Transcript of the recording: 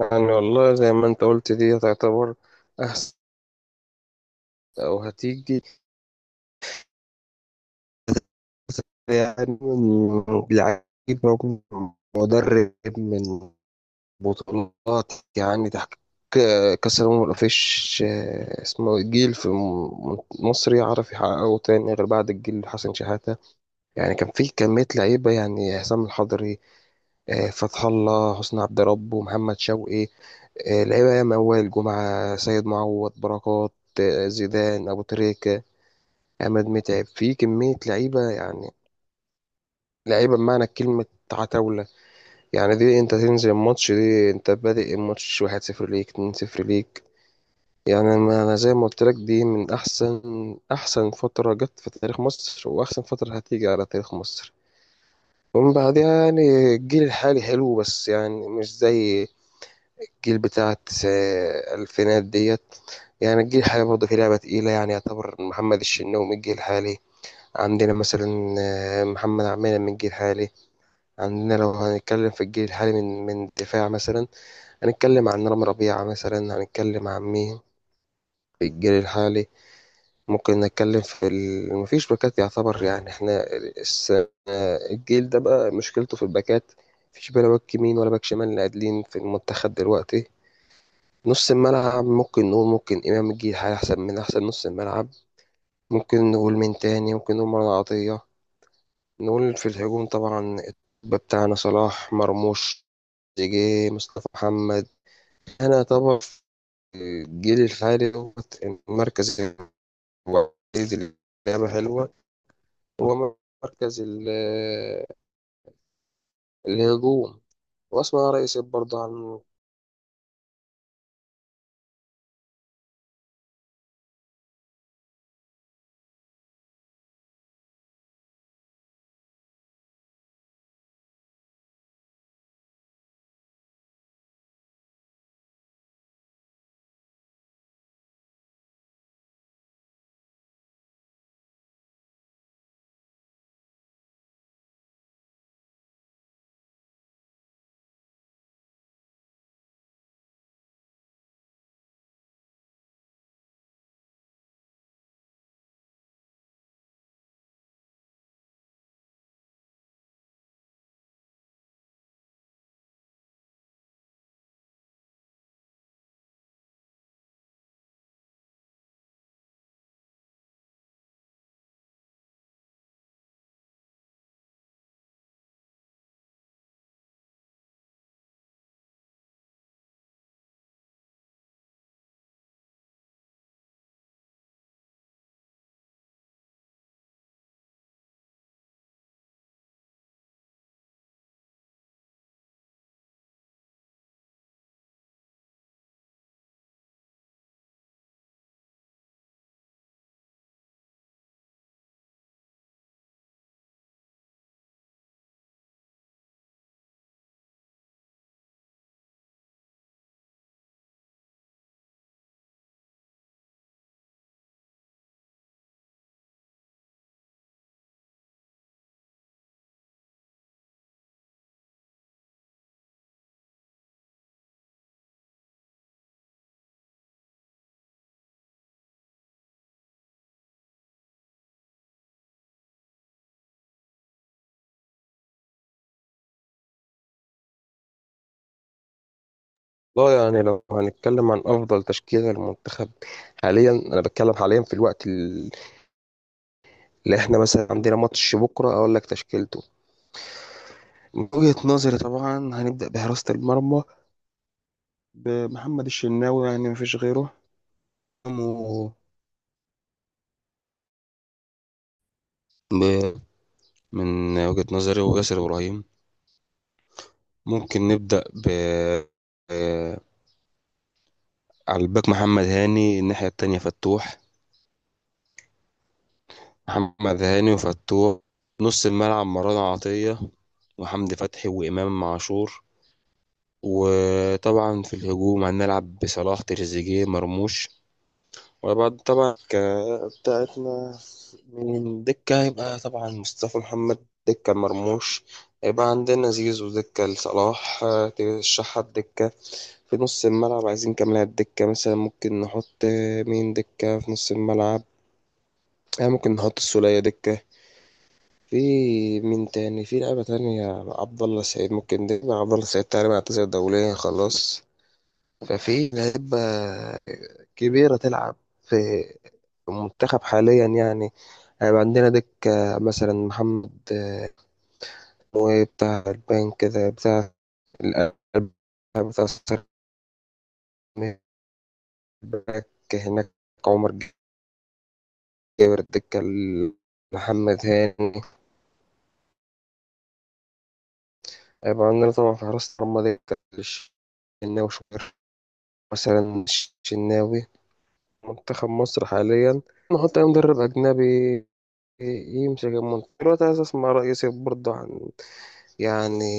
يعني والله زي ما انت قلت دي تعتبر احسن او هتيجي. يعني من لعيب موجود، من مدرب، من بطولات، يعني تحقيق كأس الأمم مفيش آه، اسمه إيه، جيل في مصر يعرف يحققه تاني غير بعد الجيل حسن شحاتة. يعني كان في كمية لعيبة، يعني حسام الحضري، فتح الله، حسني عبد ربه، محمد شوقي، لعيبه يا موال، جمعه، سيد معوض، بركات، زيدان، ابو تريكه، عماد متعب. في كميه لعيبه يعني، لعيبه بمعنى كلمه، عتاوله. يعني دي انت تنزل الماتش، دي انت بادئ الماتش 1-0 ليك، 2-0 ليك. يعني ما انا زي ما قلت لك، دي من احسن احسن فتره جت في تاريخ مصر، واحسن فتره هتيجي على تاريخ مصر. ومن بعدها يعني الجيل الحالي حلو بس يعني مش زي الجيل بتاع الألفينات ديت. يعني الجيل الحالي برضه فيه لعبة تقيلة، يعني يعتبر محمد الشناوي من الجيل الحالي عندنا، مثلا محمد عمينة من الجيل الحالي عندنا. لو هنتكلم في الجيل الحالي من الدفاع، مثلا هنتكلم عن رامي ربيعة، مثلا هنتكلم عن مين في الجيل الحالي؟ ممكن نتكلم في مفيش باكات يعتبر. يعني احنا الس- الجيل ده بقى مشكلته في الباكات، مفيش بلا باك يمين ولا باك شمال اللي قادلين في المنتخب دلوقتي. نص الملعب ممكن نقول، ممكن إمام يجي هيحسب من أحسن نص الملعب، ممكن نقول من تاني، ممكن نقول مرة عطية. نقول في الهجوم طبعا الطب بتاعنا صلاح، مرموش، تريزيجيه، مصطفى محمد. أنا طبعا في الجيل الحالي دوت المركز الوحيد اللي لعبة حلوة هو مركز الهجوم. وأسمع رئيس برضه عن، لا يعني لو هنتكلم عن أفضل تشكيلة للمنتخب حاليا، أنا بتكلم حاليا في الوقت. لا احنا مثلا عندنا ماتش بكره، اقول لك تشكيلته من وجهة نظري طبعا. هنبدأ بحراسة المرمى بمحمد الشناوي، يعني مفيش غيره. و- ب- من وجهة نظري وياسر إبراهيم. ممكن نبدأ ب آه، على الباك محمد هاني، الناحية التانية فتوح. محمد هاني وفتوح. نص الملعب مروان عطية وحمدي فتحي وإمام عاشور. وطبعا في الهجوم هنلعب بصلاح، تريزيجيه، مرموش. وبعد طبعا بتاعتنا من دكة هيبقى طبعا مصطفى محمد، دكة مرموش هيبقى عندنا زيزو، دكة لصلاح ترشحها الدكة. في نص الملعب عايزين كام لاعب دكة؟ مثلا ممكن نحط مين دكة في نص الملعب؟ ممكن نحط السولية دكة. في مين تاني في لعبة تانية؟ عبد الله سعيد ممكن، دكة عبد الله سعيد تقريبا اعتزل دوليا خلاص. ففي لعيبة كبيرة تلعب في المنتخب حاليا يعني. هيبقى عندنا دكة مثلا محمد مويه بتاع البنك كده، بتاع القلب، بتاع باك هناك. عمر جابر الدكة محمد هاني. هيبقى عندنا طبعا في حراسة المرمى دكة الشناوي، شوبير مثلا، الشناوي. منتخب مصر حاليا نحط أي مدرب أجنبي يمسك المنتخب دلوقتي، عايز اسمع رأيك برضه عن يعني.